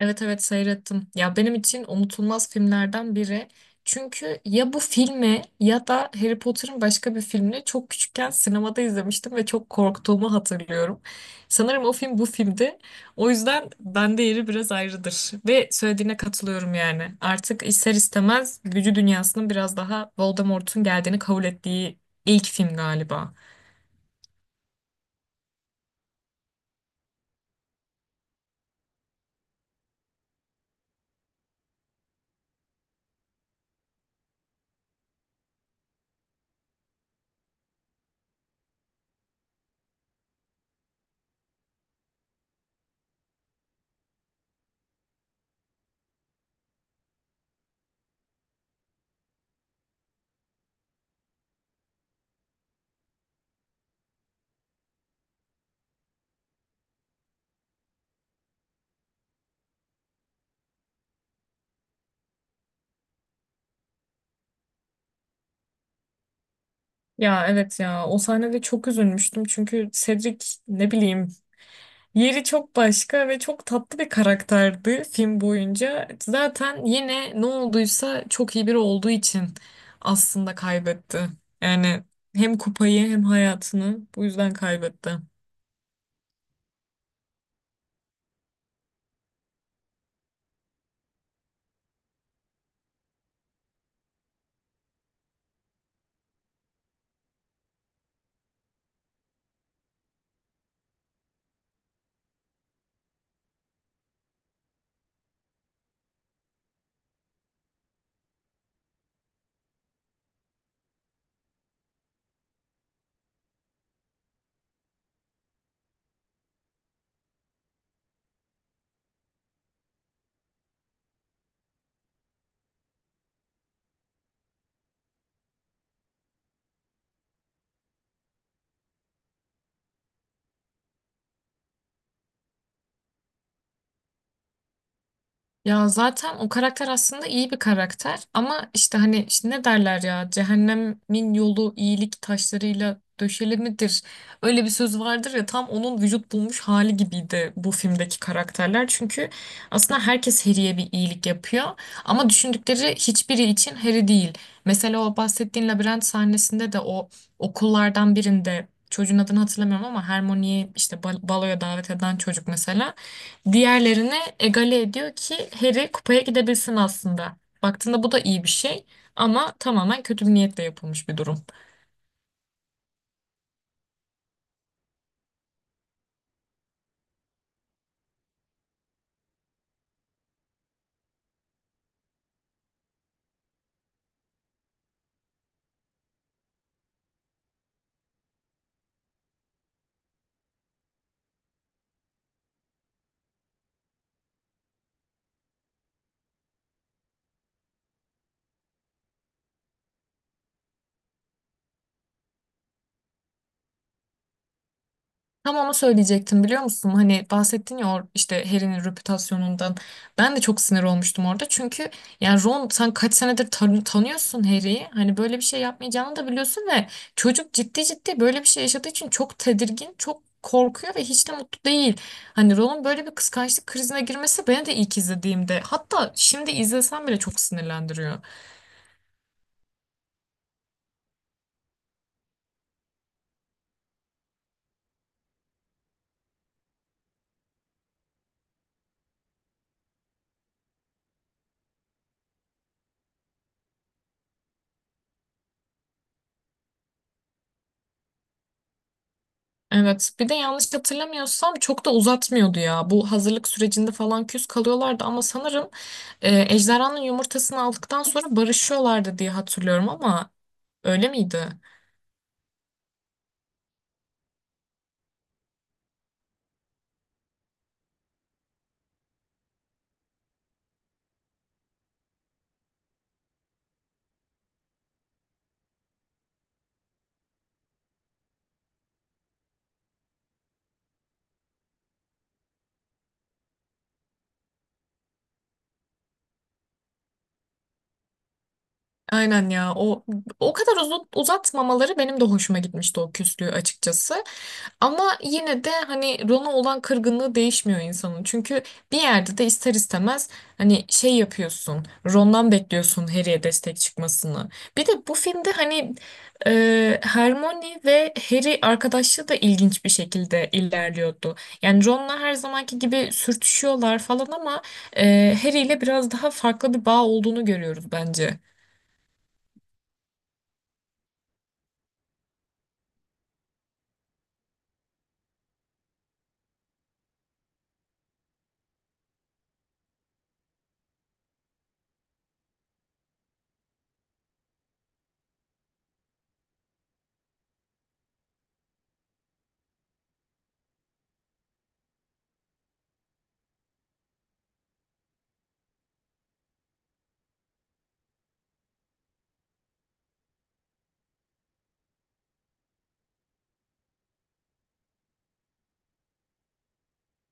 Evet evet seyrettim. Ya benim için unutulmaz filmlerden biri. Çünkü ya bu filmi ya da Harry Potter'ın başka bir filmini çok küçükken sinemada izlemiştim ve çok korktuğumu hatırlıyorum. Sanırım o film bu filmdi. O yüzden bende yeri biraz ayrıdır. Ve söylediğine katılıyorum yani. Artık ister istemez büyü dünyasının biraz daha Voldemort'un geldiğini kabul ettiği ilk film galiba. Ya evet ya o sahnede çok üzülmüştüm çünkü Cedric ne bileyim yeri çok başka ve çok tatlı bir karakterdi film boyunca. Zaten yine ne olduysa çok iyi biri olduğu için aslında kaybetti. Yani hem kupayı hem hayatını bu yüzden kaybetti. Ya zaten o karakter aslında iyi bir karakter ama işte hani işte ne derler ya cehennemin yolu iyilik taşlarıyla döşeli midir? Öyle bir söz vardır ya tam onun vücut bulmuş hali gibiydi bu filmdeki karakterler. Çünkü aslında herkes Harry'e bir iyilik yapıyor ama düşündükleri hiçbiri için Harry değil. Mesela o bahsettiğin labirent sahnesinde de o okullardan birinde çocuğun adını hatırlamıyorum ama Hermione'yi işte baloya davet eden çocuk mesela. Diğerlerine egale ediyor ki Harry kupaya gidebilsin aslında. Baktığında bu da iyi bir şey ama tamamen kötü bir niyetle yapılmış bir durum. Tam onu söyleyecektim biliyor musun? Hani bahsettin ya işte Harry'nin reputasyonundan. Ben de çok sinir olmuştum orada. Çünkü yani Ron sen kaç senedir tanıyorsun Harry'i. Hani böyle bir şey yapmayacağını da biliyorsun ve çocuk ciddi ciddi böyle bir şey yaşadığı için çok tedirgin, çok korkuyor ve hiç de mutlu değil. Hani Ron'un böyle bir kıskançlık krizine girmesi beni de ilk izlediğimde hatta şimdi izlesem bile çok sinirlendiriyor. Evet. Bir de yanlış hatırlamıyorsam çok da uzatmıyordu ya. Bu hazırlık sürecinde falan küs kalıyorlardı ama sanırım ejderhanın yumurtasını aldıktan sonra barışıyorlardı diye hatırlıyorum ama öyle miydi? Aynen ya. O kadar uzun, uzatmamaları benim de hoşuma gitmişti o küslüğü açıkçası. Ama yine de hani Ron'a olan kırgınlığı değişmiyor insanın. Çünkü bir yerde de ister istemez hani şey yapıyorsun. Ron'dan bekliyorsun Harry'e destek çıkmasını. Bir de bu filmde hani Hermione ve Harry arkadaşlığı da ilginç bir şekilde ilerliyordu. Yani Ron'la her zamanki gibi sürtüşüyorlar falan ama Harry ile biraz daha farklı bir bağ olduğunu görüyoruz bence.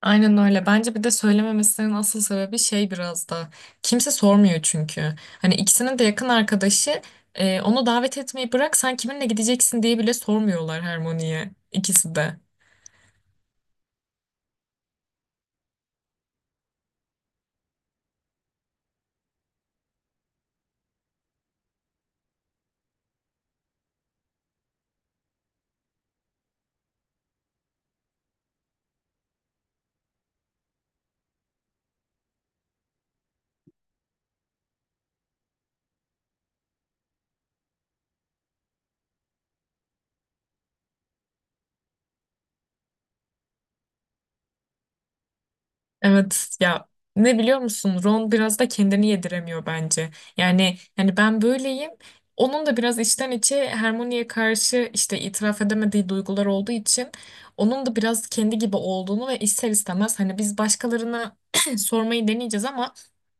Aynen öyle. Bence bir de söylememesinin asıl sebebi şey biraz da. Kimse sormuyor çünkü. Hani ikisinin de yakın arkadaşı onu davet etmeyi bırak sen kiminle gideceksin diye bile sormuyorlar Harmony'ye ikisi de. Evet ya ne biliyor musun Ron biraz da kendini yediremiyor bence. Yani ben böyleyim. Onun da biraz içten içe Hermione'ye karşı işte itiraf edemediği duygular olduğu için onun da biraz kendi gibi olduğunu ve ister istemez hani biz başkalarına sormayı deneyeceğiz ama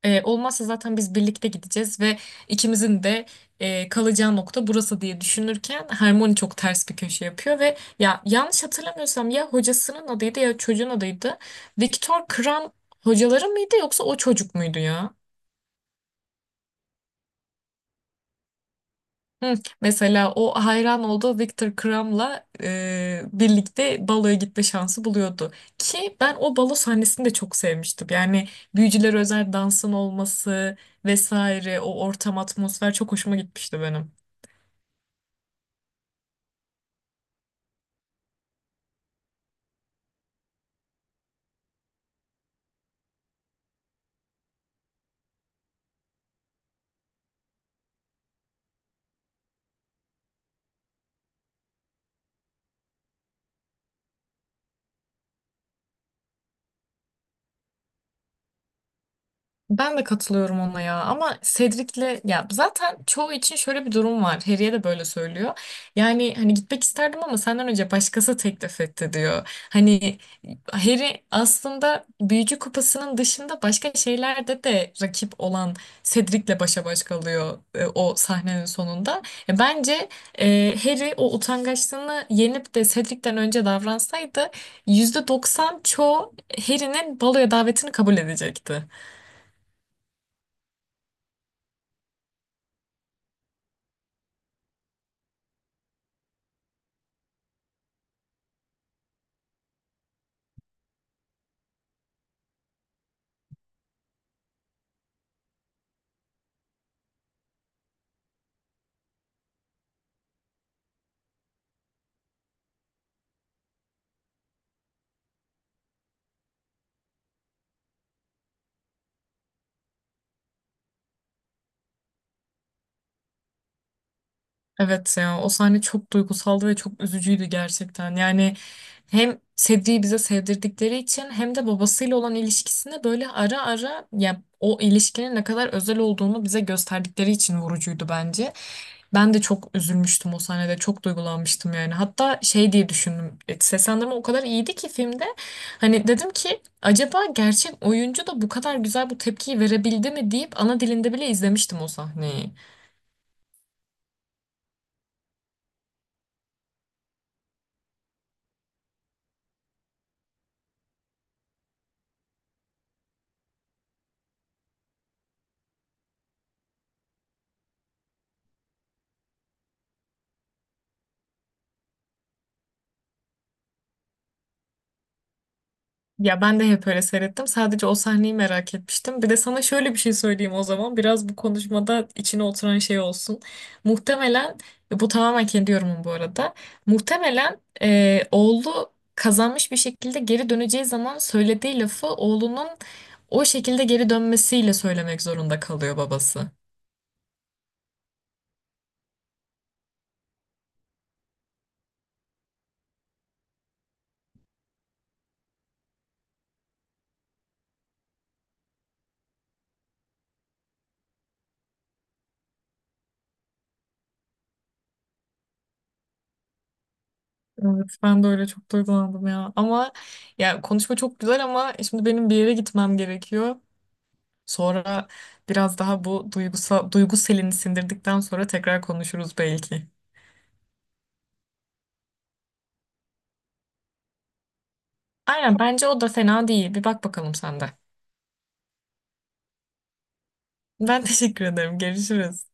olmazsa zaten biz birlikte gideceğiz ve ikimizin de kalacağı nokta burası diye düşünürken Hermione çok ters bir köşe yapıyor ve ya yanlış hatırlamıyorsam ya hocasının adıydı ya çocuğun adıydı. Viktor Kram hocaları mıydı yoksa o çocuk muydu ya? Hı, mesela o hayran olduğu Viktor Kram'la birlikte baloya gitme şansı buluyordu. Ki ben o balo sahnesini de çok sevmiştim. Yani büyücüler özel dansın olması vesaire o ortam atmosfer çok hoşuma gitmişti benim. Ben de katılıyorum ona ya ama Cedric'le ya zaten çoğu için şöyle bir durum var. Harry'e de böyle söylüyor. Yani hani gitmek isterdim ama senden önce başkası teklif etti diyor. Hani Harry aslında Büyücü Kupası'nın dışında başka şeylerde de rakip olan Cedric'le başa baş kalıyor o sahnenin sonunda. Bence Harry o utangaçlığını yenip de Cedric'ten önce davransaydı %90 çoğu Harry'nin baloya davetini kabul edecekti. Evet ya o sahne çok duygusaldı ve çok üzücüydü gerçekten. Yani hem Sedrik'i bize sevdirdikleri için hem de babasıyla olan ilişkisine böyle ara ara ya o ilişkinin ne kadar özel olduğunu bize gösterdikleri için vurucuydu bence. Ben de çok üzülmüştüm o sahnede. Çok duygulanmıştım yani. Hatta şey diye düşündüm. Seslendirme o kadar iyiydi ki filmde. Hani dedim ki acaba gerçek oyuncu da bu kadar güzel bu tepkiyi verebildi mi deyip ana dilinde bile izlemiştim o sahneyi. Ya ben de hep öyle seyrettim. Sadece o sahneyi merak etmiştim. Bir de sana şöyle bir şey söyleyeyim o zaman. Biraz bu konuşmada içine oturan şey olsun. Muhtemelen, bu tamamen kendi yorumum bu arada. Muhtemelen oğlu kazanmış bir şekilde geri döneceği zaman söylediği lafı oğlunun o şekilde geri dönmesiyle söylemek zorunda kalıyor babası. Evet, ben de öyle çok duygulandım ya. Ama ya konuşma çok güzel ama şimdi benim bir yere gitmem gerekiyor. Sonra biraz daha bu duygusal, duygu selini sindirdikten sonra tekrar konuşuruz belki. Aynen bence o da fena değil. Bir bak bakalım sen de. Ben teşekkür ederim. Görüşürüz.